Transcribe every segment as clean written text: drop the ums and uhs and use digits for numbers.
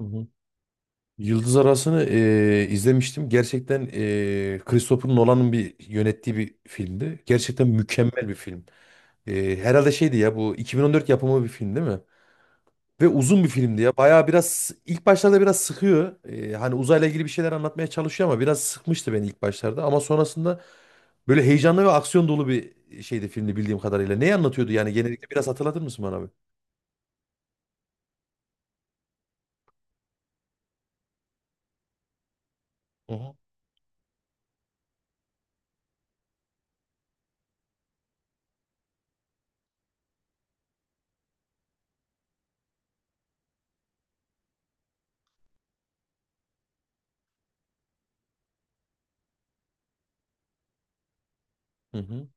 Hı hı. Yıldız Arası'nı izlemiştim. Gerçekten Christopher Nolan'ın bir yönettiği bir filmdi. Gerçekten mükemmel bir film. Herhalde şeydi ya, bu 2014 yapımı bir film değil mi? Ve uzun bir filmdi ya. Bayağı biraz ilk başlarda biraz sıkıyor. Hani uzayla ilgili bir şeyler anlatmaya çalışıyor ama biraz sıkmıştı beni ilk başlarda. Ama sonrasında böyle heyecanlı ve aksiyon dolu bir şeydi filmdi bildiğim kadarıyla. Neyi anlatıyordu yani, genellikle biraz hatırlatır mısın bana abi? Hı hı. Hı hı.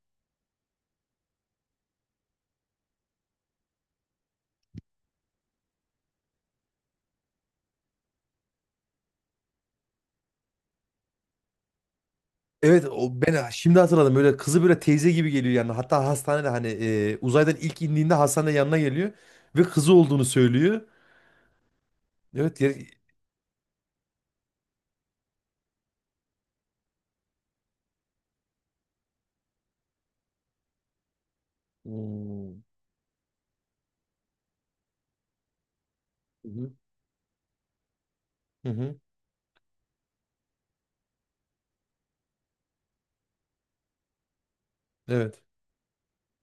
Evet, o ben şimdi hatırladım. Böyle kızı böyle teyze gibi geliyor yani. Hatta hastanede hani uzaydan ilk indiğinde hastanede yanına geliyor ve kızı olduğunu söylüyor. Evet ya... Hmm. Hı hı. Hı hı. Evet.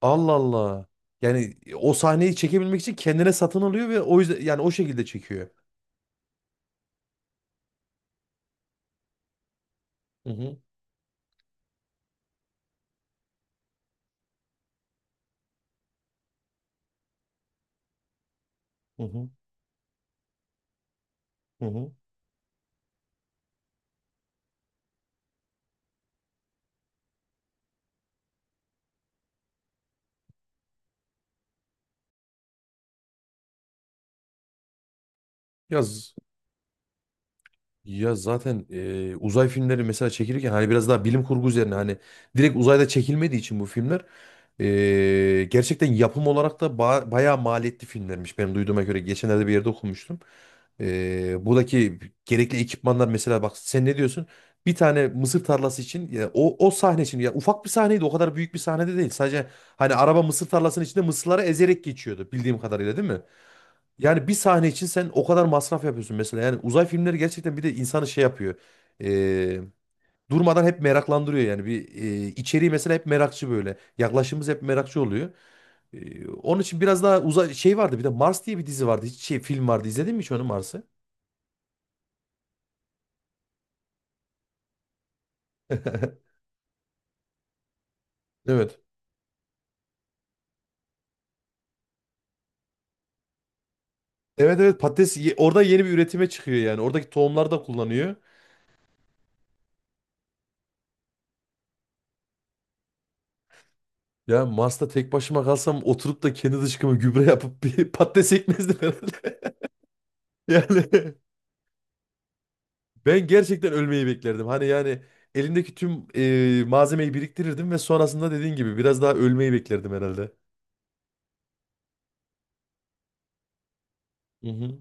Allah Allah. Yani o sahneyi çekebilmek için kendine satın alıyor ve o yüzden yani o şekilde çekiyor. Hı hı hı hı. Hı hı. Ya Ya, zaten uzay filmleri mesela çekilirken hani biraz daha bilim kurgu üzerine hani direkt uzayda çekilmediği için bu filmler gerçekten yapım olarak da bayağı maliyetli filmlermiş. Benim duyduğuma göre geçenlerde bir yerde okumuştum. Buradaki gerekli ekipmanlar mesela bak sen ne diyorsun? Bir tane mısır tarlası için ya, o sahne için ya, ufak bir sahneydi, o kadar büyük bir sahnede değil. Sadece hani araba mısır tarlasının içinde mısırları ezerek geçiyordu bildiğim kadarıyla, değil mi? Yani bir sahne için sen o kadar masraf yapıyorsun mesela. Yani uzay filmleri gerçekten bir de insanı şey yapıyor. Ee, Durmadan hep meraklandırıyor yani. Bir içeriği mesela hep merakçı böyle. Yaklaşımımız hep merakçı oluyor. Onun için biraz daha uzay şey vardı. Bir de Mars diye bir dizi vardı. Hiç şey film vardı. İzledin mi hiç onu, Mars'ı? Evet. Evet evet, orada yeni bir üretime çıkıyor yani. Oradaki tohumlar da kullanıyor. Ya Mars'ta tek başıma kalsam oturup da kendi dışkıma gübre yapıp bir patates ekmezdim herhalde. Yani ben gerçekten ölmeyi beklerdim. Hani yani elimdeki tüm malzemeyi biriktirirdim ve sonrasında dediğin gibi biraz daha ölmeyi beklerdim herhalde. Hı hı.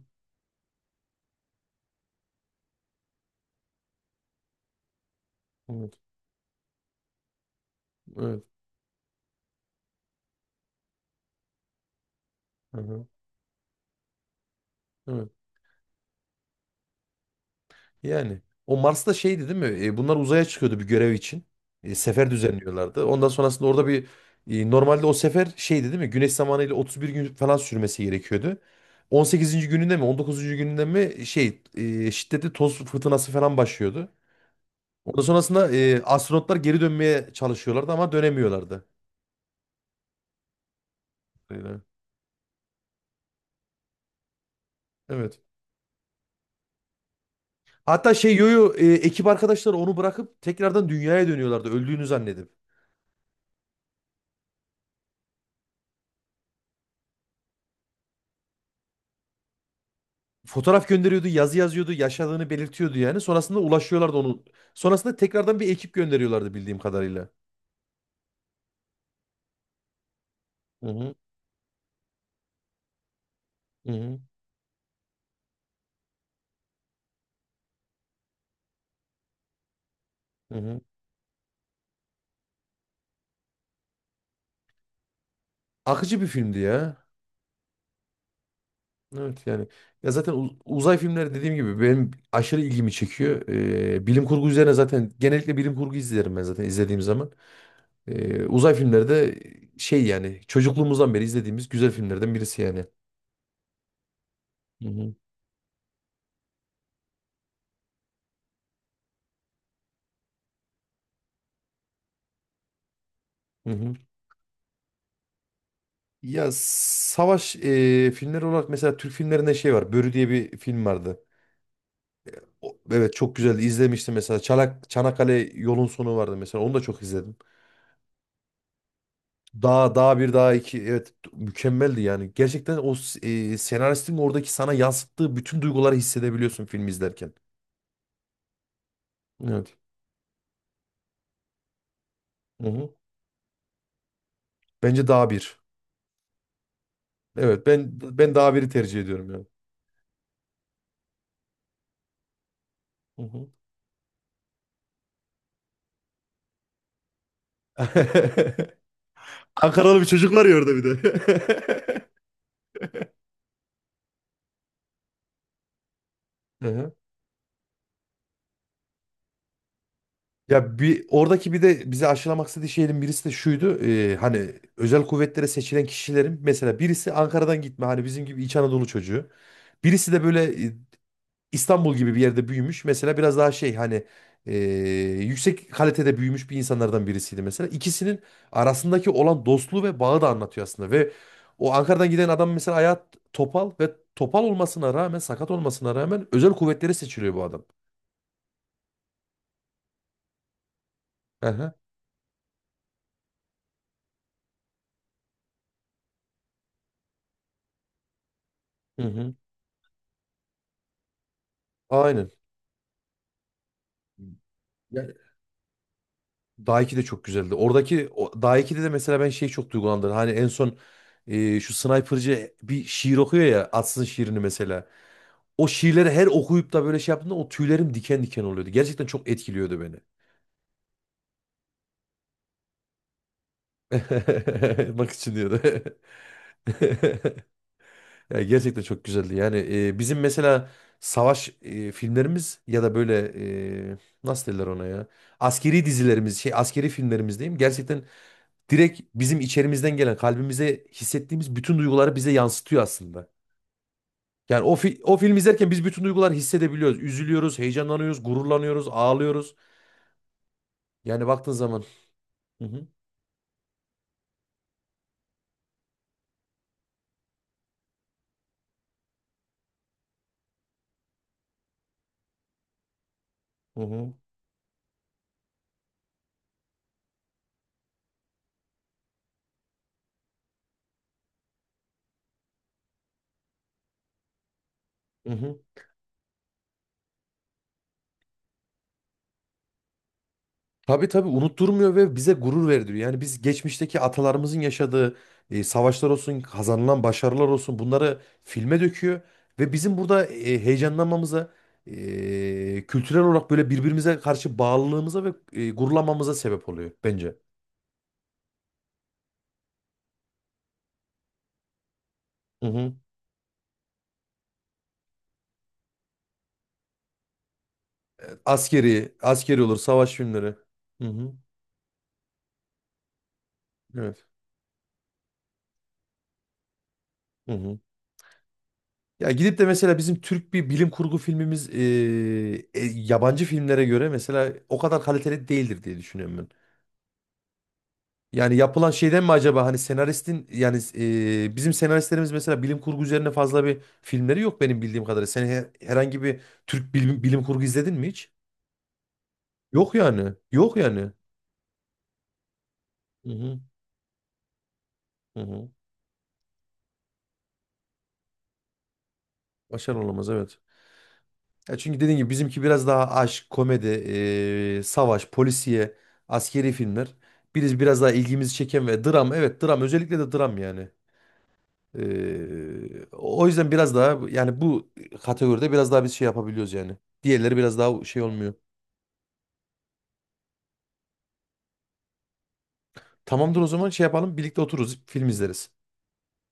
Evet. Evet. Hı hı. Evet. Yani o Mars'ta şeydi değil mi? E, bunlar uzaya çıkıyordu bir görev için. E, sefer düzenliyorlardı. Ondan sonrasında orada bir normalde o sefer şeydi değil mi? Güneş zamanıyla 31 gün falan sürmesi gerekiyordu. 18'inci gününde mi 19'uncu gününde mi şey şiddetli toz fırtınası falan başlıyordu. Ondan sonrasında astronotlar geri dönmeye çalışıyorlardı ama dönemiyorlardı. Öyle. Evet. Hatta şey Yoyo ekip arkadaşları onu bırakıp tekrardan dünyaya dönüyorlardı öldüğünü zannedip. Fotoğraf gönderiyordu, yazı yazıyordu, yaşadığını belirtiyordu yani. Sonrasında ulaşıyorlardı onu. Sonrasında tekrardan bir ekip gönderiyorlardı bildiğim kadarıyla. Hı hı, hı hı, hı hı. Akıcı bir filmdi ya. Evet yani. Ya zaten uzay filmleri dediğim gibi benim aşırı ilgimi çekiyor. E, bilim kurgu üzerine zaten genellikle bilim kurgu izlerim ben zaten izlediğim zaman. Uzay filmleri de şey yani çocukluğumuzdan beri izlediğimiz güzel filmlerden birisi yani. Hı hı. Hı hı. Ya savaş filmleri olarak mesela Türk filmlerinde şey var. Börü diye bir film vardı. Evet çok güzeldi. İzlemiştim mesela. Çanak, Çanakkale Yolun Sonu vardı mesela. Onu da çok izledim. Daha daha bir daha iki, evet mükemmeldi yani. Gerçekten senaristin oradaki sana yansıttığı bütün duyguları hissedebiliyorsun film izlerken. Evet. Hı hı. Bence daha bir. Evet, ben daha biri tercih ediyorum yani. Ankaralı bir çocuk var ya orada bir de. Hı hı. Ya bir oradaki bir de bize aşılamak istediği şeyin birisi de şuydu. Hani özel kuvvetlere seçilen kişilerin mesela birisi Ankara'dan gitme, hani bizim gibi İç Anadolu çocuğu. Birisi de böyle İstanbul gibi bir yerde büyümüş. Mesela biraz daha şey, hani e, yüksek kalitede büyümüş bir insanlardan birisiydi mesela. İkisinin arasındaki olan dostluğu ve bağı da anlatıyor aslında. Ve o Ankara'dan giden adam mesela ayağı topal ve topal olmasına rağmen, sakat olmasına rağmen özel kuvvetleri seçiliyor bu adam. Aha. Hı hı. Aynen. Dağ 2 de çok güzeldi. Oradaki o, Dağ 2'de de mesela ben şey çok duygulandım. Hani en son şu sniper'cı bir şiir okuyor ya, Atsın şiirini mesela. O şiirleri her okuyup da böyle şey yaptığımda o tüylerim diken diken oluyordu. Gerçekten çok etkiliyordu beni. Bak, için diyordu. Ya gerçekten çok güzeldi. Yani bizim mesela savaş filmlerimiz ya da böyle e, nasıl derler ona ya? Askeri dizilerimiz, şey askeri filmlerimiz diyeyim. Gerçekten direkt bizim içerimizden gelen, kalbimize hissettiğimiz bütün duyguları bize yansıtıyor aslında. Yani o film izlerken biz bütün duyguları hissedebiliyoruz. Üzülüyoruz, heyecanlanıyoruz, gururlanıyoruz, ağlıyoruz. Yani baktığın zaman. Hı hı, hı hı, hı hı. Tabii tabii, unutturmuyor ve bize gurur verdiriyor. Yani biz geçmişteki atalarımızın yaşadığı savaşlar olsun, kazanılan başarılar olsun, bunları filme döküyor. Ve bizim burada heyecanlanmamıza, kültürel olarak böyle birbirimize karşı bağlılığımıza ve gururlanmamıza sebep oluyor bence. Hı hı. Askeri, olur, savaş filmleri. Hı hı. Evet. Hı hı. Ya gidip de mesela bizim Türk bir bilim kurgu filmimiz yabancı filmlere göre mesela o kadar kaliteli değildir diye düşünüyorum ben. Yani yapılan şeyden mi acaba, hani senaristin yani bizim senaristlerimiz mesela bilim kurgu üzerine fazla bir filmleri yok benim bildiğim kadarıyla. Sen herhangi bir Türk bilim, bilim kurgu izledin mi hiç? Yok yani. Yok yani. Hı hı. Hı hı. Başarılı olamaz, evet. Ya çünkü dediğim gibi bizimki biraz daha aşk, komedi, savaş, polisiye, askeri filmler. Biz biraz daha ilgimizi çeken ve dram. Evet, dram, özellikle de dram yani. O yüzden biraz daha yani bu kategoride biraz daha biz şey yapabiliyoruz yani. Diğerleri biraz daha şey olmuyor. Tamamdır, o zaman şey yapalım, birlikte otururuz, film izleriz.